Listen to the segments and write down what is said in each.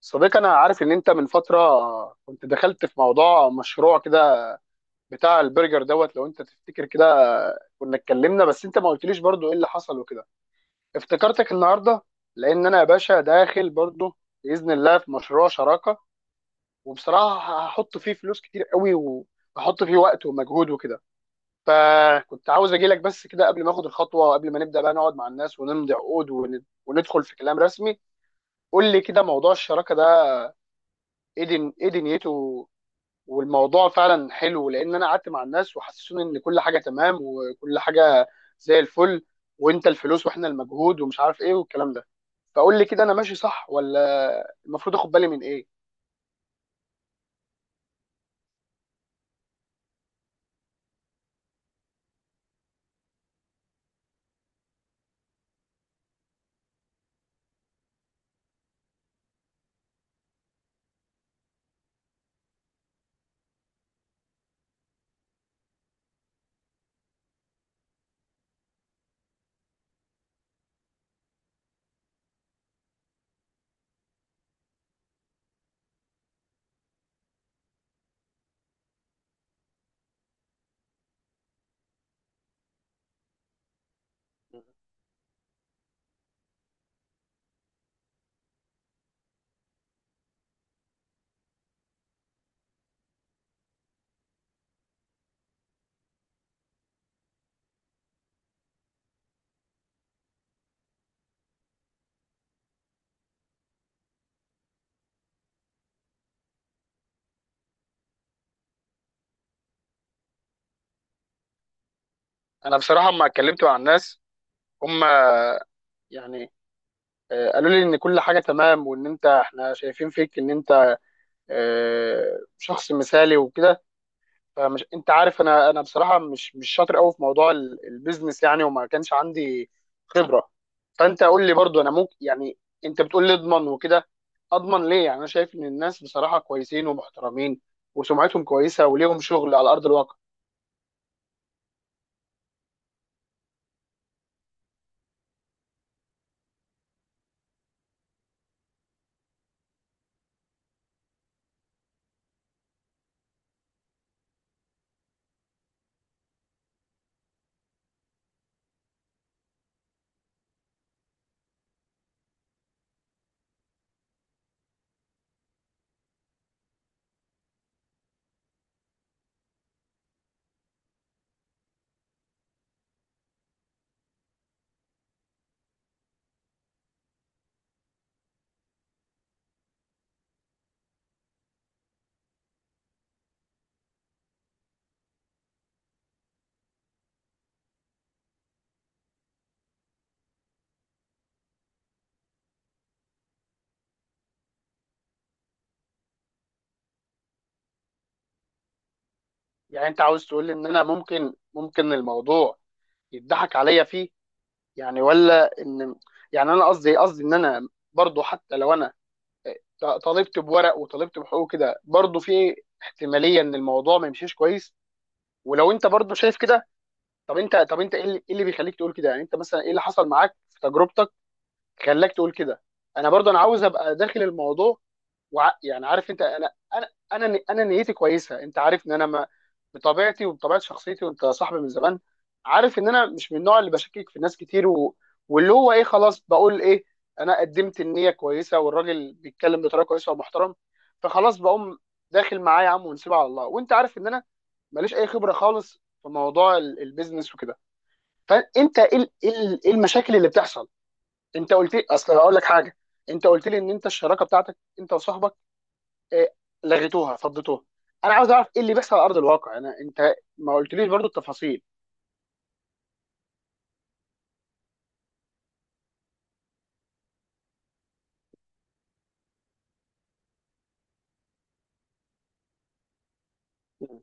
صديقي انا عارف ان انت من فتره كنت دخلت في موضوع مشروع كده بتاع البرجر دوت. لو انت تفتكر كده كنا اتكلمنا، بس انت ما قلتليش برضو ايه اللي حصل وكده. افتكرتك النهارده لان انا يا باشا داخل برضو باذن الله في مشروع شراكه، وبصراحه هحط فيه فلوس كتير قوي وهحط فيه وقت ومجهود وكده. فكنت عاوز اجي لك بس كده قبل ما اخد الخطوه وقبل ما نبدا بقى نقعد مع الناس ونمضي عقود وندخل في كلام رسمي. قول لي كده موضوع الشراكه ده ايه دنيته؟ والموضوع فعلا حلو، لان انا قعدت مع الناس وحسسوني ان كل حاجه تمام وكل حاجه زي الفل، وانت الفلوس واحنا المجهود ومش عارف ايه والكلام ده. فقول لي كده، انا ماشي صح ولا المفروض اخد بالي من ايه؟ انا بصراحه لما اتكلمت مع الناس هم يعني قالوا لي ان كل حاجه تمام، وان انت احنا شايفين فيك ان انت شخص مثالي وكده. فمش انت عارف انا، انا بصراحه مش شاطر قوي في موضوع البيزنس يعني، وما كانش عندي خبره. فانت قول لي برضو، انا ممكن يعني انت بتقول لي اضمن وكده، اضمن ليه؟ يعني انا شايف ان الناس بصراحه كويسين ومحترمين وسمعتهم كويسه وليهم شغل على ارض الواقع. يعني انت عاوز تقول لي ان انا ممكن الموضوع يضحك عليا فيه يعني؟ ولا ان يعني انا قصدي ان انا برضو، حتى لو انا طالبت بورق وطالبت بحقوق كده، برضو في احتماليه ان الموضوع ما يمشيش كويس، ولو انت برضو شايف كده. طب انت ايه اللي بيخليك تقول كده؟ يعني انت مثلا ايه اللي حصل معاك في تجربتك خلاك تقول كده؟ انا برضو انا عاوز ابقى داخل الموضوع، وع يعني عارف انت، انا نيتي كويسه، انت عارف ان انا ما بطبيعتي وبطبيعه شخصيتي، وانت صاحبي من زمان، عارف ان انا مش من النوع اللي بشكك في ناس كتير و... واللي هو ايه، خلاص بقول ايه، انا قدمت النيه كويسه والراجل بيتكلم بطريقه كويسه ومحترم، فخلاص بقوم داخل معاه يا عم ونسيبها على الله. وانت عارف ان انا ماليش اي خبره خالص في موضوع البيزنس وكده. فانت ايه ال- ايه ال- إيه المشاكل اللي بتحصل؟ انت قلت لي، اصل هقول لك حاجه، انت قلت لي ان انت الشراكه بتاعتك انت وصاحبك إيه، لغيتوها فضيتوها. انا عاوز اعرف ايه اللي بيحصل على ارض الواقع، انا انت ما قلتليش برضو التفاصيل. مم.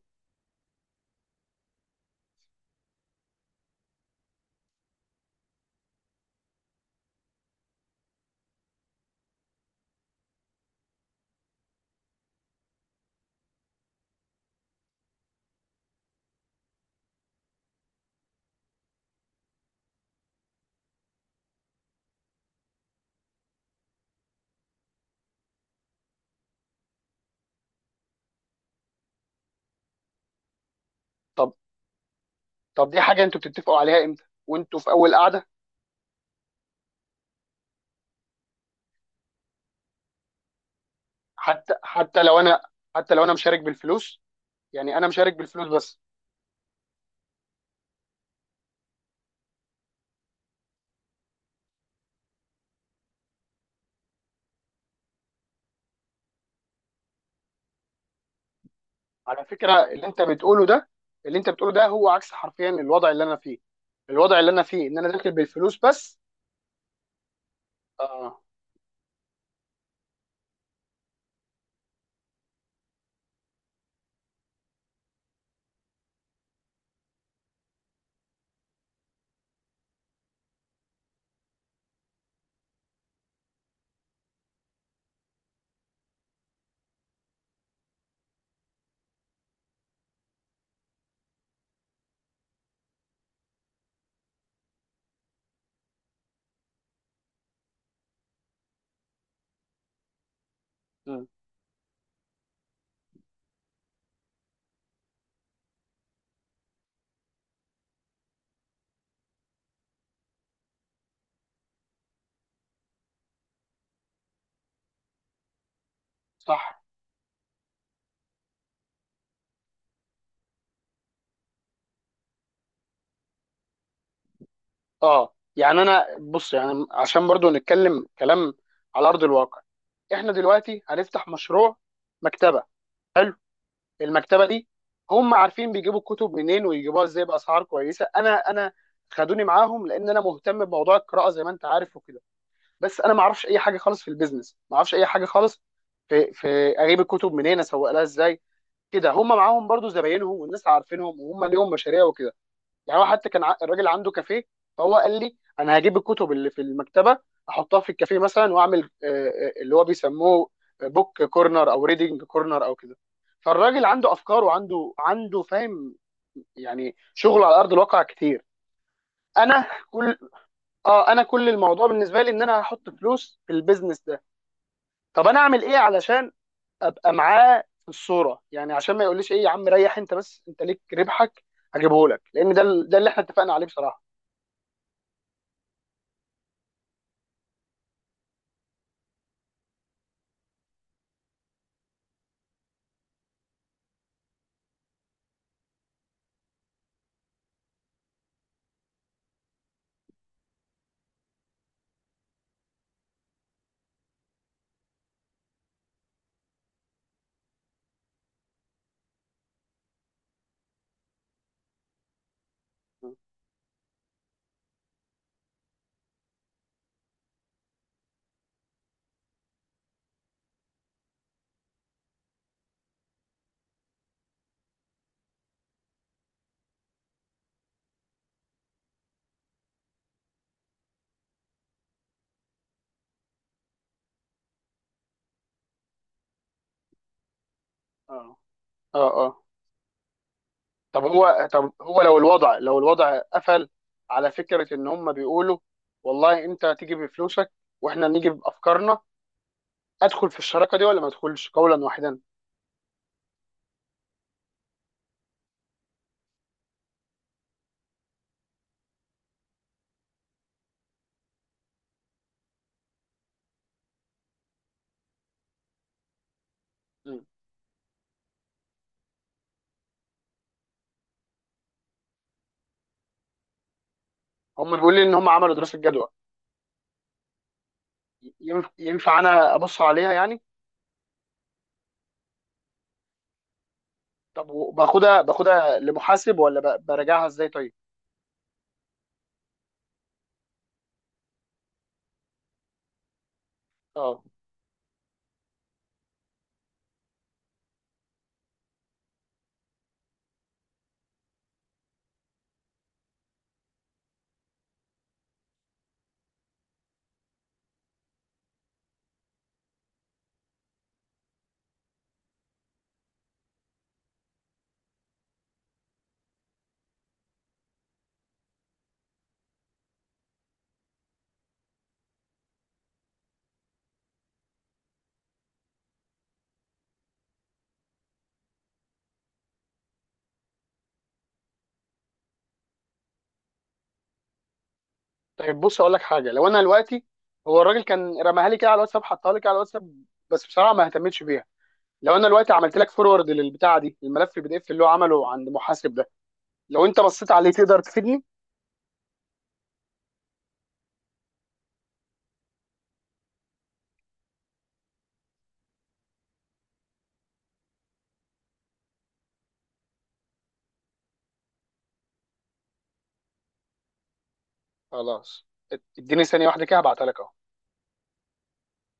طب طب دي حاجه انتوا بتتفقوا عليها امتى؟ وانتوا في اول قعده؟ حتى لو انا، حتى لو انا مشارك بالفلوس، يعني انا مشارك بالفلوس بس. على فكره اللي انت بتقوله ده، اللي انت بتقوله ده هو عكس حرفيا الوضع اللي انا فيه. الوضع اللي انا فيه ان انا داخل بالفلوس بس. اه. مم. صح. اه يعني انا بص، يعني عشان برضو نتكلم كلام على ارض الواقع، احنا دلوقتي هنفتح مشروع مكتبه. حلو. المكتبه دي هم عارفين بيجيبوا الكتب منين ويجيبوها ازاي باسعار كويسه. انا خدوني معاهم لان انا مهتم بموضوع القراءه زي ما انت عارف وكده. بس انا ما اعرفش اي حاجه خالص في البيزنس، ما اعرفش اي حاجه خالص في في اجيب الكتب منين، اسوق لها ازاي. كده هم معاهم برضو زباينهم، والناس عارفينهم، وهم ليهم مشاريع وكده. يعني هو حتى الراجل عنده كافيه، فهو قال لي انا هجيب الكتب اللي في المكتبه احطها في الكافيه مثلا واعمل اللي هو بيسموه بوك كورنر او ريدنج كورنر او كده. فالراجل عنده افكار وعنده فاهم يعني شغل على ارض الواقع كتير. انا كل، اه انا كل الموضوع بالنسبه لي ان انا هحط فلوس في البيزنس ده. طب انا اعمل ايه علشان ابقى معاه في الصوره؟ يعني عشان ما يقوليش ايه يا عم، ريح انت بس انت ليك ربحك هجيبه لك، لان ده ده اللي احنا اتفقنا عليه بصراحه. اه. اه. اه طب هو، طب هو لو الوضع، لو الوضع قفل على فكره ان هم بيقولوا والله انت تيجي بفلوسك واحنا نيجي بافكارنا، ادخل في الشراكه دي ولا ما ادخلش قولا واحدا؟ مم. هم بيقولوا لي ان هم عملوا دراسه جدوى. ينفع انا ابص عليها يعني؟ طب باخدها لمحاسب، ولا براجعها ازاي طيب؟ اه طيب بص اقول لك حاجه. لو انا دلوقتي، هو الراجل كان رماها لي كده على الواتساب، حطها لي كده على الواتساب، بس بصراحه ما اهتمتش بيها. لو انا دلوقتي عملت لك فورورد للبتاعه دي، الملف PDF اللي هو عمله عند محاسب ده، لو انت بصيت عليه تقدر تفيدني؟ خلاص، اديني ثانيه واحده كده هبعتها لك.